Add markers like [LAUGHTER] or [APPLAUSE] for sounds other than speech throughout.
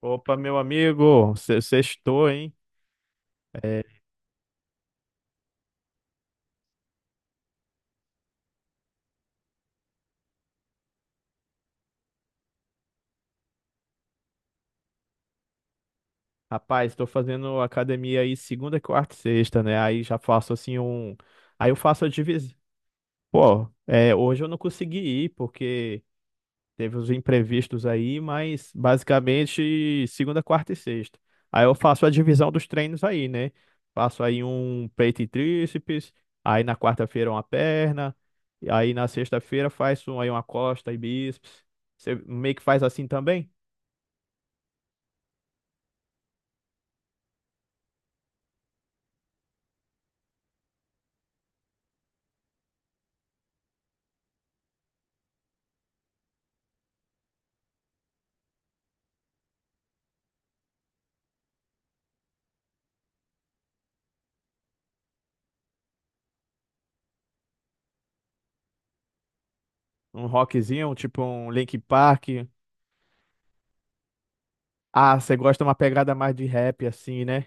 Opa, meu amigo, sextou, hein? É, rapaz, estou fazendo academia aí segunda, quarta e sexta, né? Aí já faço assim um. Aí eu faço a divisão. Pô, é, hoje eu não consegui ir porque teve os imprevistos aí, mas basicamente segunda, quarta e sexta. Aí eu faço a divisão dos treinos aí, né? Faço aí um peito e tríceps, aí na quarta-feira uma perna, e aí na sexta-feira faço aí uma costa e bíceps. Você meio que faz assim também? Um rockzinho, um tipo um Linkin Park. Ah, você gosta de uma pegada mais de rap, assim, né?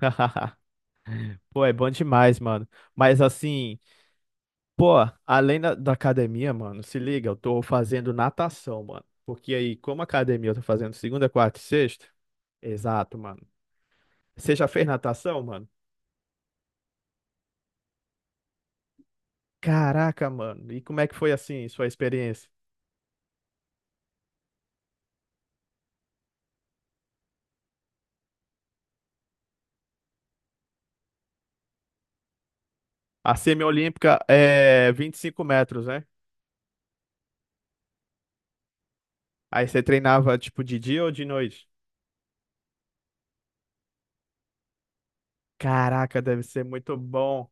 [LAUGHS] Pô, é bom demais, mano. Mas assim, pô, além da academia, mano, se liga, eu tô fazendo natação, mano. Porque aí, como academia eu tô fazendo segunda, quarta e sexta. Exato, mano. Você já fez natação, mano? Caraca, mano. E como é que foi assim, sua experiência? A semiolímpica é vinte e cinco metros, né? Aí você treinava tipo de dia ou de noite? Caraca, deve ser muito bom.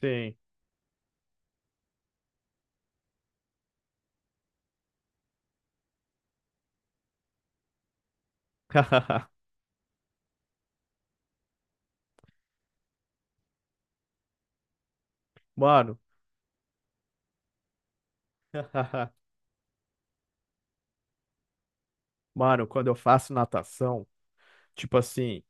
Sim. [LAUGHS] Mano, [LAUGHS] mano, quando eu faço natação, tipo assim,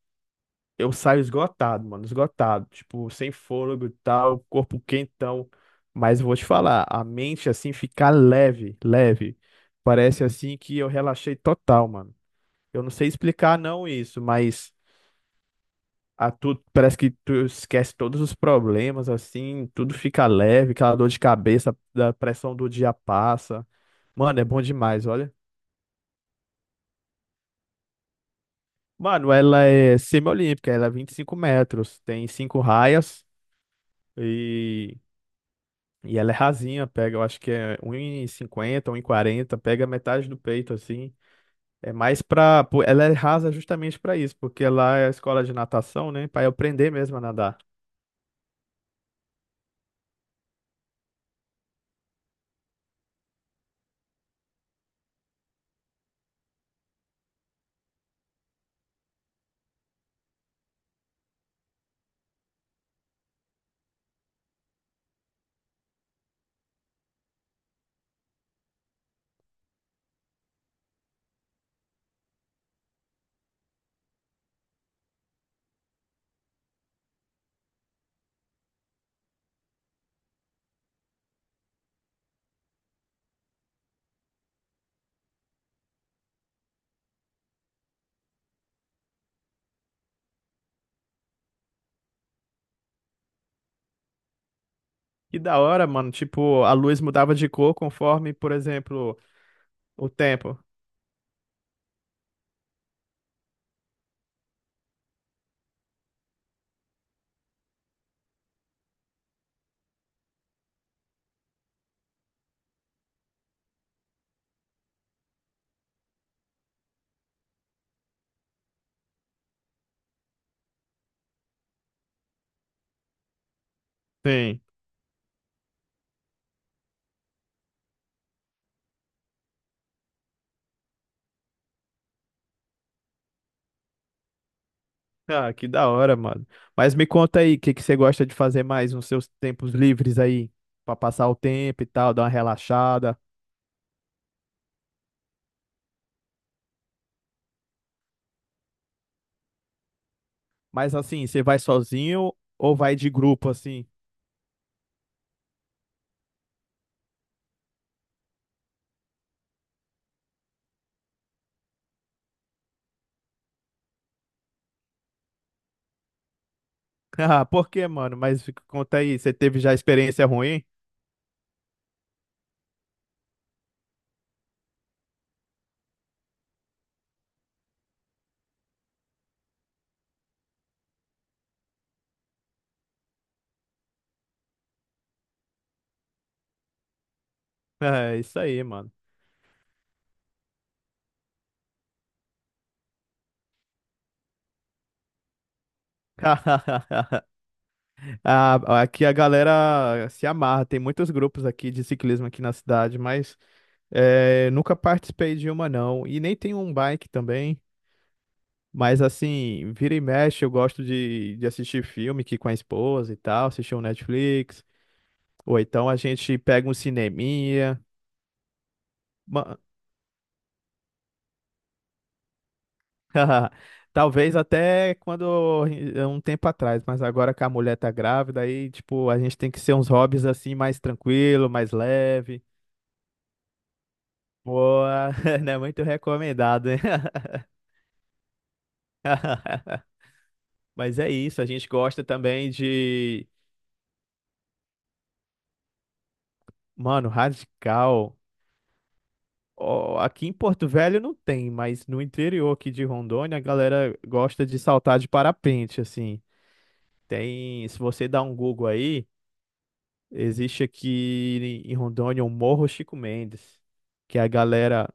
eu saio esgotado, mano, esgotado, tipo, sem fôlego e tal, corpo quentão. Mas eu vou te falar, a mente assim fica leve, leve. Parece assim que eu relaxei total, mano. Eu não sei explicar não isso, mas a tu, parece que tu esquece todos os problemas assim, tudo fica leve, aquela dor de cabeça, da pressão do dia passa. Mano, é bom demais, olha. Mano, ela é semi-olímpica, ela é 25 metros, tem cinco raias e, e ela é rasinha, pega, eu acho que é um 1,50, quarenta. Pega metade do peito, assim. É mais pra. Pô, ela é rasa justamente pra isso, porque lá é a escola de natação, né? Pra eu aprender mesmo a nadar. E da hora, mano, tipo, a luz mudava de cor conforme, por exemplo, o tempo. Sim. Ah, que da hora, mano. Mas me conta aí, o que que você gosta de fazer mais nos seus tempos livres aí? Pra passar o tempo e tal, dar uma relaxada. Mas assim, você vai sozinho ou vai de grupo assim? [LAUGHS] Ah, por quê, mano? Mas conta aí, você teve já experiência ruim? [LAUGHS] É isso aí, mano. [LAUGHS] Ah, aqui a galera se amarra, tem muitos grupos aqui de ciclismo aqui na cidade, mas nunca participei de uma não. E nem tem um bike também. Mas assim, vira e mexe, eu gosto de assistir filme aqui com a esposa e tal, assistir um Netflix, ou então a gente pega um cineminha. ma- [LAUGHS] Talvez até quando um tempo atrás, mas agora que a mulher tá grávida, aí tipo, a gente tem que ser uns hobbies assim mais tranquilo, mais leve. Boa, [LAUGHS] não é muito recomendado, hein? [LAUGHS] Mas é isso, a gente gosta também de, mano, radical. Ó, aqui em Porto Velho não tem, mas no interior aqui de Rondônia a galera gosta de saltar de parapente, assim. Tem, se você dá um Google aí, existe aqui em Rondônia o Morro Chico Mendes, que a galera,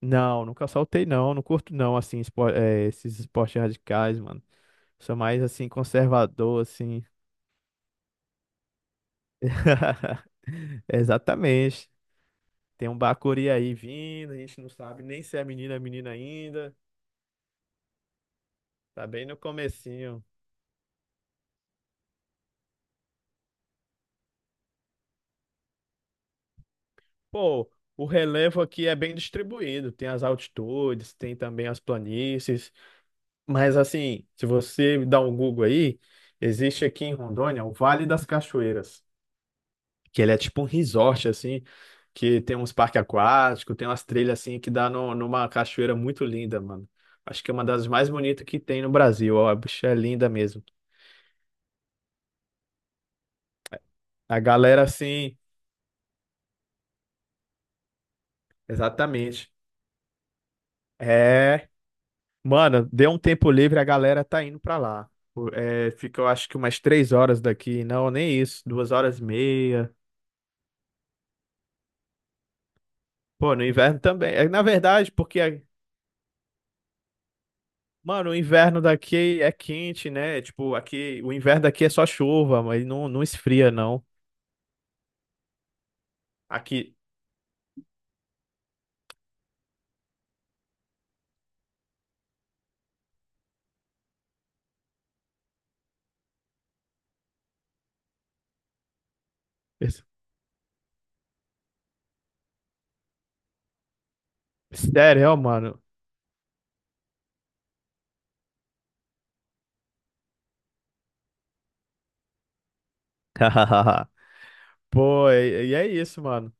não, nunca saltei não, não curto não, assim, esses esportes radicais, mano. Sou mais, assim, conservador, assim. [LAUGHS] Exatamente. Tem um bacuri aí vindo, a gente não sabe nem se é menina ou menina ainda. Tá bem no comecinho. Pô, o relevo aqui é bem distribuído. Tem as altitudes, tem também as planícies. Mas assim, se você dá um Google aí, existe aqui em Rondônia o Vale das Cachoeiras, que ele é tipo um resort assim, que tem uns parques aquáticos, tem umas trilhas assim que dá numa cachoeira muito linda, mano. Acho que é uma das mais bonitas que tem no Brasil. Ó, a bicha é linda mesmo. A galera assim, exatamente. É mano, deu um tempo livre, a galera tá indo pra lá. Pô, é, fica, eu acho que umas três horas daqui. Não, nem isso. Duas horas e meia. Pô, no inverno também. É, na verdade, porque, mano, o inverno daqui é quente, né? Tipo, aqui, o inverno daqui é só chuva, mas não, não esfria, não. Aqui. Sério, ó, mano. [LAUGHS] Pô, e é isso, mano.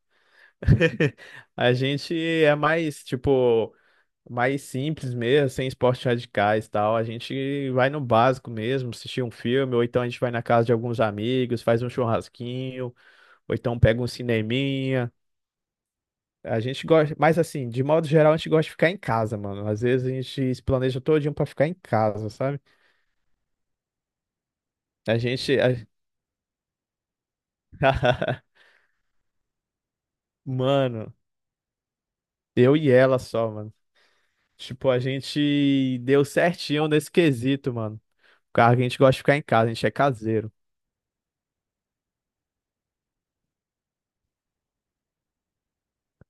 [LAUGHS] A gente é mais, tipo. Mais simples mesmo, sem esportes radicais e tal. A gente vai no básico mesmo, assistir um filme, ou então a gente vai na casa de alguns amigos, faz um churrasquinho, ou então pega um cineminha. A gente gosta, mas assim, de modo geral, a gente gosta de ficar em casa, mano. Às vezes a gente se planeja todinho pra ficar em casa, sabe? A gente. a- [LAUGHS] Mano, eu e ela só, mano. Tipo, a gente deu certinho nesse quesito, mano. Cara, a gente gosta de ficar em casa, a gente é caseiro.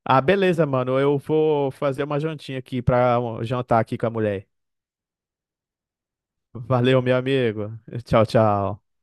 Ah, beleza, mano. Eu vou fazer uma jantinha aqui pra jantar aqui com a mulher. Valeu, meu amigo. Tchau, tchau.